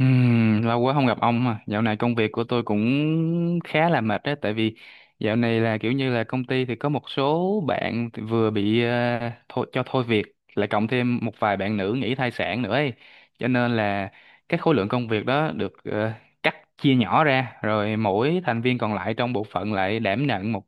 Lâu quá không gặp ông à. Dạo này công việc của tôi cũng khá là mệt đấy, tại vì dạo này là kiểu như là công ty thì có một số bạn thì vừa bị cho thôi việc, lại cộng thêm một vài bạn nữ nghỉ thai sản nữa ấy. Cho nên là cái khối lượng công việc đó được cắt chia nhỏ ra, rồi mỗi thành viên còn lại trong bộ phận lại đảm nhận một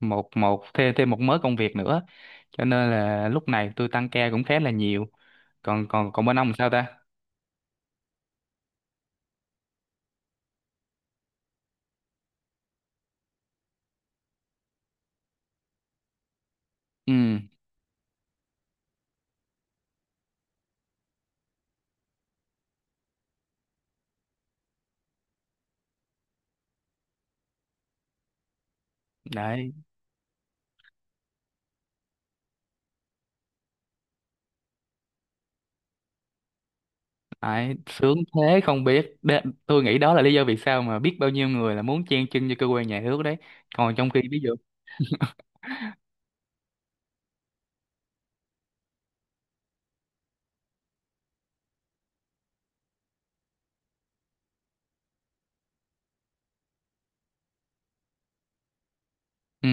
một một thêm thêm một mớ công việc nữa. Cho nên là lúc này tôi tăng ca cũng khá là nhiều. Còn còn còn bên ông sao ta? Ừ, đấy. Đấy, sướng thế không biết. Tôi nghĩ đó là lý do vì sao mà biết bao nhiêu người là muốn chen chân cho cơ quan nhà nước đấy, còn trong khi ví dụ. Ừ,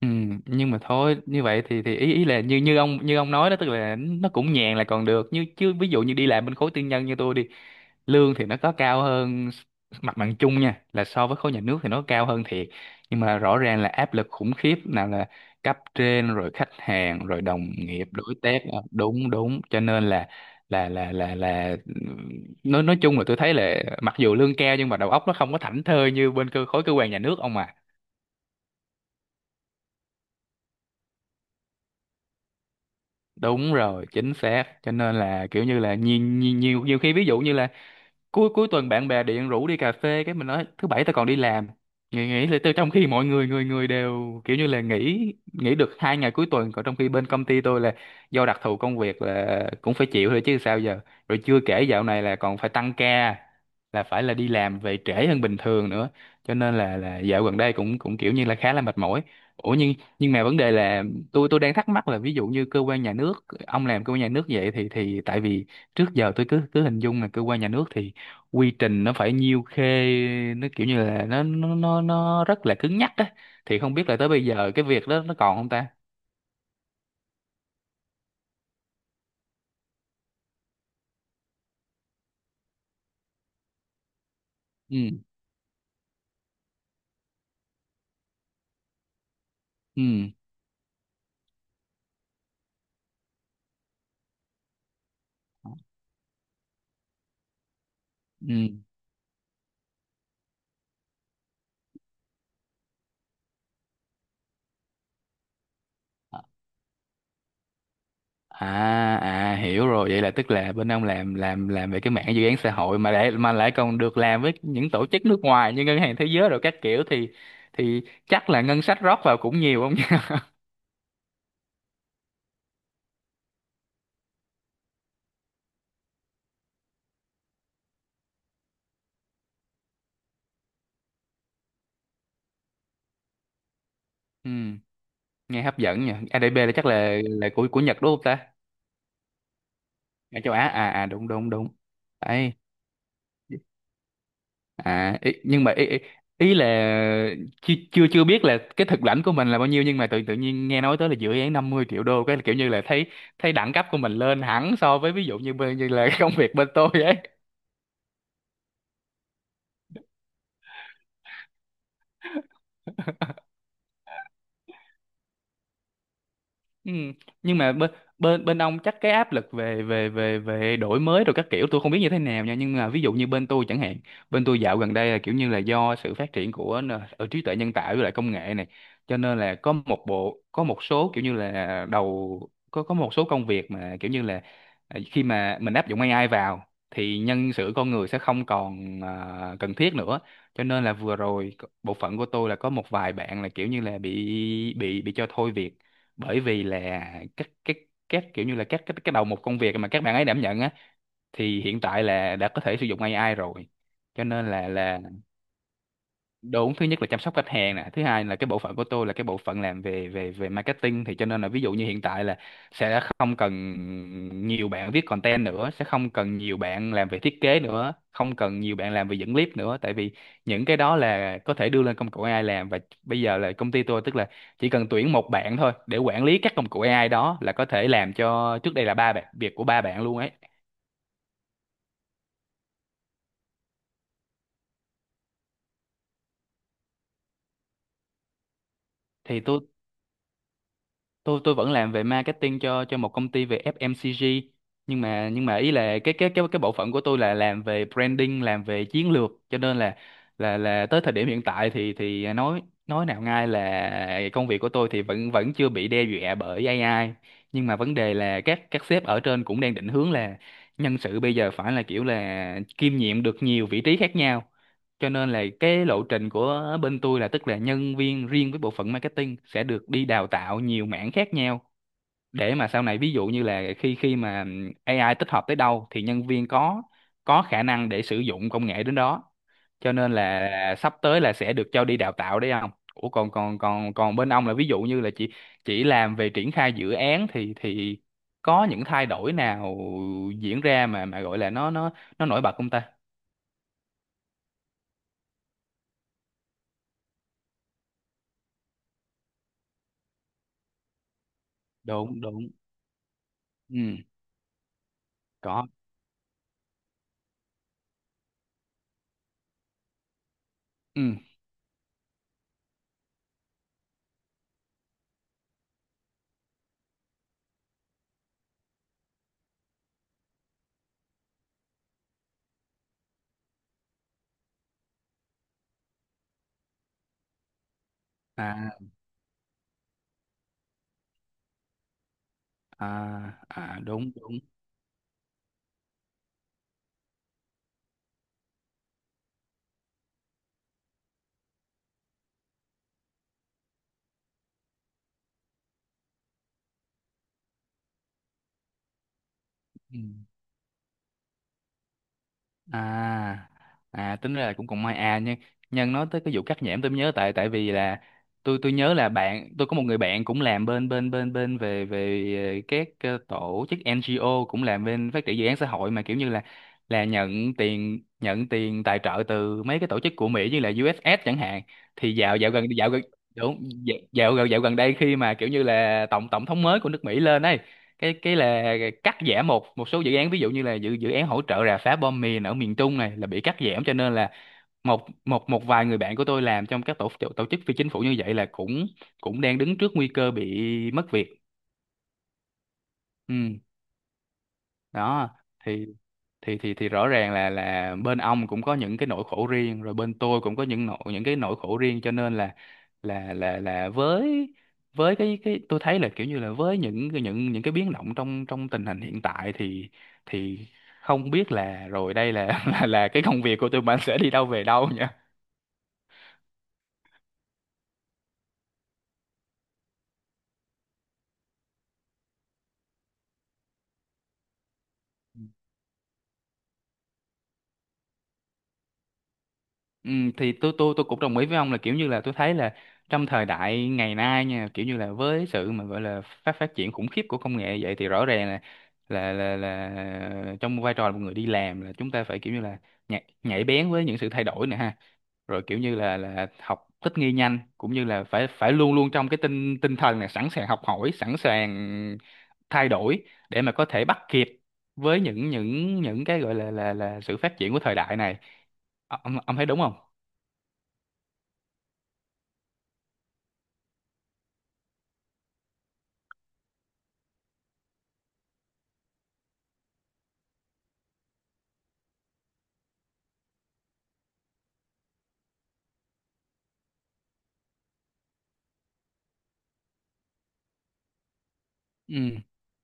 ừ. Nhưng mà thôi, như vậy thì ý ý là như như ông nói đó, tức là nó cũng nhàn là còn được. Như chứ ví dụ như đi làm bên khối tư nhân như tôi đi, lương thì nó có cao hơn mặt bằng chung nha, là so với khối nhà nước thì nó cao hơn thiệt, nhưng mà rõ ràng là áp lực khủng khiếp, nào là cấp trên rồi khách hàng rồi đồng nghiệp, đối tác. Ờ, Đúng, đúng. Cho nên là nói chung là tôi thấy là mặc dù lương cao nhưng mà đầu óc nó không có thảnh thơi như bên khối cơ quan nhà nước, ông à. Đúng rồi, chính xác. Cho nên là kiểu như là nhiều nhiều nhiều nhiều khi, ví dụ như là cuối cuối tuần bạn bè điện rủ đi cà phê, cái mình nói thứ bảy tao còn đi làm. Nghỉ nghỉ là từ trong khi mọi người người người đều kiểu như là nghỉ nghỉ được 2 ngày cuối tuần, còn trong khi bên công ty tôi là do đặc thù công việc là cũng phải chịu thôi chứ sao giờ. Rồi chưa kể dạo này là còn phải tăng ca, là phải là đi làm về trễ hơn bình thường nữa. Cho nên là dạo gần đây cũng cũng kiểu như là khá là mệt mỏi. Ủa, nhưng mà vấn đề là tôi đang thắc mắc là, ví dụ như cơ quan nhà nước, ông làm cơ quan nhà nước vậy thì tại vì trước giờ tôi cứ cứ hình dung là cơ quan nhà nước thì quy trình nó phải nhiêu khê, nó kiểu như là nó rất là cứng nhắc á, thì không biết là tới bây giờ cái việc đó nó còn không ta. Ừ, ừ, ừ. À, à, hiểu rồi. Vậy là tức là bên ông làm về cái mảng dự án xã hội mà lại còn được làm với những tổ chức nước ngoài như ngân hàng thế giới rồi các kiểu, thì thì chắc là ngân sách rót vào cũng nhiều không nhỉ. Ừ, nghe hấp dẫn nhỉ. ADB là chắc là của Nhật đúng không ta? À, châu Á. À, à, đúng, đúng, đúng. Đấy. À, ý, nhưng mà ý, ý là chưa chưa chưa biết là cái thực lãnh của mình là bao nhiêu, nhưng mà tự tự nhiên nghe nói tới là dự án 50 triệu đô, cái là kiểu như là thấy thấy đẳng cấp của mình lên hẳn so với ví dụ như bên như là công việc bên tôi ấy. Ừ. Nhưng mà bên bên bên ông chắc cái áp lực về về về về đổi mới rồi các kiểu tôi không biết như thế nào nha, nhưng mà ví dụ như bên tôi chẳng hạn, bên tôi dạo gần đây là kiểu như là do sự phát triển của ở trí tuệ nhân tạo với lại công nghệ này, cho nên là có một số kiểu như là có một số công việc mà kiểu như là, khi mà mình áp dụng AI vào thì nhân sự con người sẽ không còn, cần thiết nữa. Cho nên là vừa rồi bộ phận của tôi là có một vài bạn là kiểu như là bị cho thôi việc, bởi vì là các các các kiểu như là các cái đầu một công việc mà các bạn ấy đảm nhận á thì hiện tại là đã có thể sử dụng AI rồi. Cho nên là đúng, thứ nhất là chăm sóc khách hàng nè, thứ hai là cái bộ phận của tôi là cái bộ phận làm về về về marketing, thì cho nên là ví dụ như hiện tại là sẽ không cần nhiều bạn viết content nữa, sẽ không cần nhiều bạn làm về thiết kế nữa, không cần nhiều bạn làm về dẫn clip nữa, tại vì những cái đó là có thể đưa lên công cụ AI làm, và bây giờ là công ty tôi tức là chỉ cần tuyển một bạn thôi để quản lý các công cụ AI đó, là có thể làm cho trước đây là ba bạn, việc của ba bạn luôn ấy. Thì tôi vẫn làm về marketing cho một công ty về FMCG, nhưng mà ý là cái bộ phận của tôi là làm về branding, làm về chiến lược, cho nên là tới thời điểm hiện tại thì nói nào ngay là công việc của tôi thì vẫn vẫn chưa bị đe dọa bởi AI, nhưng mà vấn đề là các sếp ở trên cũng đang định hướng là nhân sự bây giờ phải là kiểu là kiêm nhiệm được nhiều vị trí khác nhau. Cho nên là cái lộ trình của bên tôi là tức là nhân viên riêng với bộ phận marketing sẽ được đi đào tạo nhiều mảng khác nhau, để mà sau này ví dụ như là khi khi mà AI tích hợp tới đâu thì nhân viên có khả năng để sử dụng công nghệ đến đó. Cho nên là sắp tới là sẽ được cho đi đào tạo đấy không. Ủa, còn còn còn còn bên ông là ví dụ như là chỉ làm về triển khai dự án thì có những thay đổi nào diễn ra mà gọi là nó nổi bật không ta? Đúng, đúng. Ừ, có. Ừ. À, à, à. Đúng, đúng. Ừ. À, à, tính ra là cũng còn may à, nhưng nói tới cái vụ cắt nhẽm tôi mới nhớ, tại tại vì là tôi nhớ là bạn tôi có một người bạn cũng làm bên bên bên bên về về các tổ chức NGO, cũng làm bên phát triển dự án xã hội, mà kiểu như là nhận tiền tài trợ từ mấy cái tổ chức của Mỹ như là USS chẳng hạn. Thì dạo dạo gần dạo gần. Đúng. Dạo dạo gần Dạo gần đây khi mà kiểu như là tổng tổng thống mới của nước Mỹ lên ấy, cái là cắt giảm một một số dự án, ví dụ như là dự dự án hỗ trợ rà phá bom mìn ở miền Trung này là bị cắt giảm, cho nên là một một một vài người bạn của tôi làm trong các tổ tổ chức phi chính phủ như vậy là cũng cũng đang đứng trước nguy cơ bị mất việc. Ừ. Đó. Thì thì rõ ràng là bên ông cũng có những cái nỗi khổ riêng, rồi bên tôi cũng có những nỗi, những cái nỗi khổ riêng, cho nên là với cái tôi thấy là kiểu như là với những cái biến động trong trong tình hình hiện tại thì thì không biết là rồi đây là là cái công việc của tụi mình sẽ đi đâu về đâu nha. Ừ, thì tôi cũng đồng ý với ông là kiểu như là tôi thấy là trong thời đại ngày nay nha, kiểu như là với sự mà gọi là phát phát triển khủng khiếp của công nghệ vậy, thì rõ ràng là là trong vai trò là một người đi làm, là chúng ta phải kiểu như là nhạy bén với những sự thay đổi nè ha, rồi kiểu như là học thích nghi nhanh, cũng như là phải phải luôn luôn trong cái tinh tinh thần là sẵn sàng học hỏi, sẵn sàng thay đổi để mà có thể bắt kịp với những cái gọi là sự phát triển của thời đại này. Ông thấy đúng không? Ừ,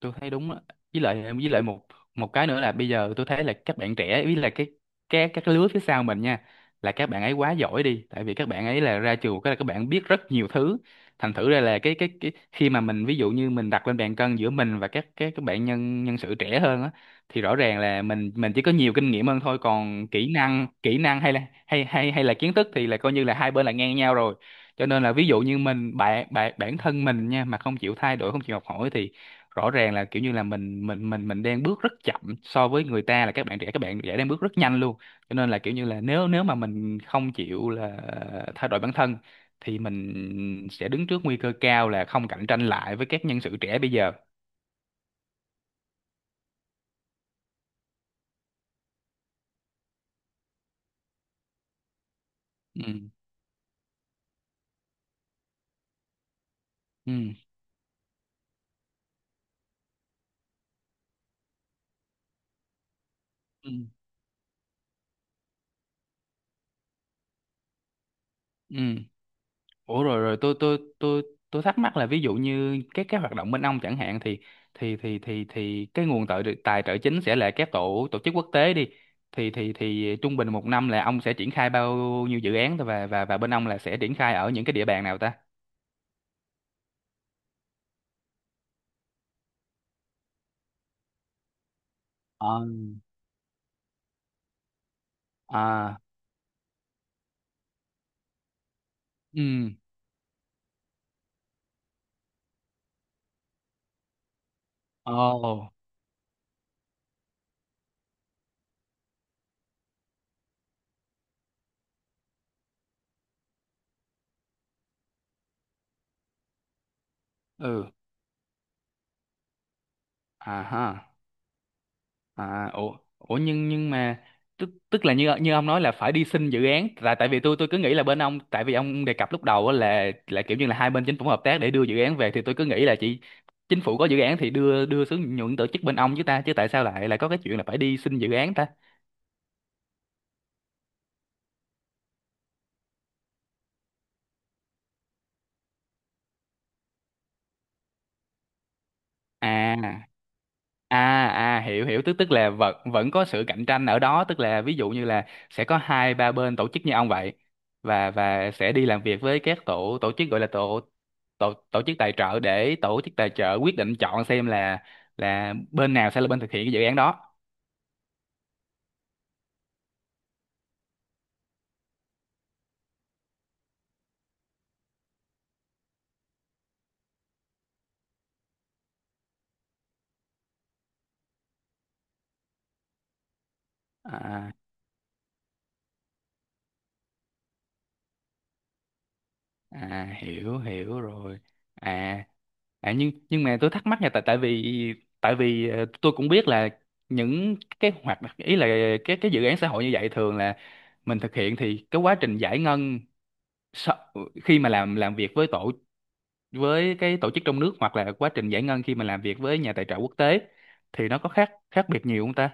tôi thấy đúng á. Với lại một một cái nữa là bây giờ tôi thấy là các bạn trẻ với là cái các cái lứa phía sau mình nha, là các bạn ấy quá giỏi đi, tại vì các bạn ấy là ra trường cái là các bạn biết rất nhiều thứ. Thành thử ra là cái khi mà mình, ví dụ như mình đặt lên bàn cân giữa mình và các bạn nhân nhân sự trẻ hơn á, thì rõ ràng là mình chỉ có nhiều kinh nghiệm hơn thôi, còn kỹ năng hay là kiến thức thì là coi như là hai bên là ngang nhau rồi. Cho nên là ví dụ như mình bạn bạn bản thân mình nha, mà không chịu thay đổi, không chịu học hỏi, thì rõ ràng là kiểu như là mình đang bước rất chậm so với người ta, là các bạn trẻ đang bước rất nhanh luôn. Cho nên là kiểu như là nếu nếu mà mình không chịu là thay đổi bản thân thì mình sẽ đứng trước nguy cơ cao là không cạnh tranh lại với các nhân sự trẻ bây giờ. Ừ. Ừ. Ừ. Ừ. Ủa, rồi rồi tôi thắc mắc là ví dụ như các cái hoạt động bên ông chẳng hạn, thì cái nguồn tài tài trợ chính sẽ là các tổ tổ chức quốc tế đi, thì trung bình một năm là ông sẽ triển khai bao nhiêu dự án thôi, và bên ông là sẽ triển khai ở những cái địa bàn nào ta? Ờ. À. Ừ. Ồ. Ừ. À ha. À, ủa, nhưng mà tức tức là như như ông nói là phải đi xin dự án, tại tại vì tôi cứ nghĩ là bên ông, tại vì ông đề cập lúc đầu á là kiểu như là hai bên chính phủ hợp tác để đưa dự án về, thì tôi cứ nghĩ là chỉ chính phủ có dự án thì đưa đưa xuống nhượng tổ chức bên ông chứ ta, chứ tại sao lại lại có cái chuyện là phải đi xin dự án ta? À. À, à, hiểu hiểu, tức tức là vẫn vẫn có sự cạnh tranh ở đó, tức là ví dụ như là sẽ có hai ba bên tổ chức như ông vậy, và sẽ đi làm việc với các tổ tổ chức gọi là tổ tổ tổ chức tài trợ, để tổ chức tài trợ quyết định chọn xem là bên nào sẽ là bên thực hiện cái dự án đó. À, à, hiểu hiểu rồi. À, à, nhưng mà tôi thắc mắc nha. Tại tại vì tại vì tôi cũng biết là những cái ý là cái dự án xã hội như vậy thường là mình thực hiện, thì cái quá trình giải ngân sau- khi mà làm việc với với cái tổ chức trong nước, hoặc là quá trình giải ngân khi mà làm việc với nhà tài trợ quốc tế, thì nó có khác khác biệt nhiều không ta?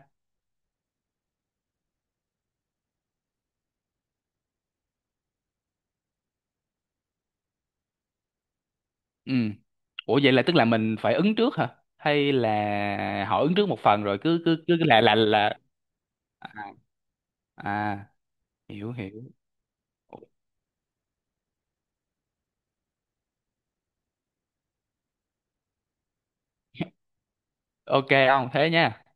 Ừ. Ủa, vậy là tức là mình phải ứng trước hả? Hay là họ ứng trước một phần rồi cứ cứ cứ là à, à, hiểu hiểu. Ok không? Thế nha.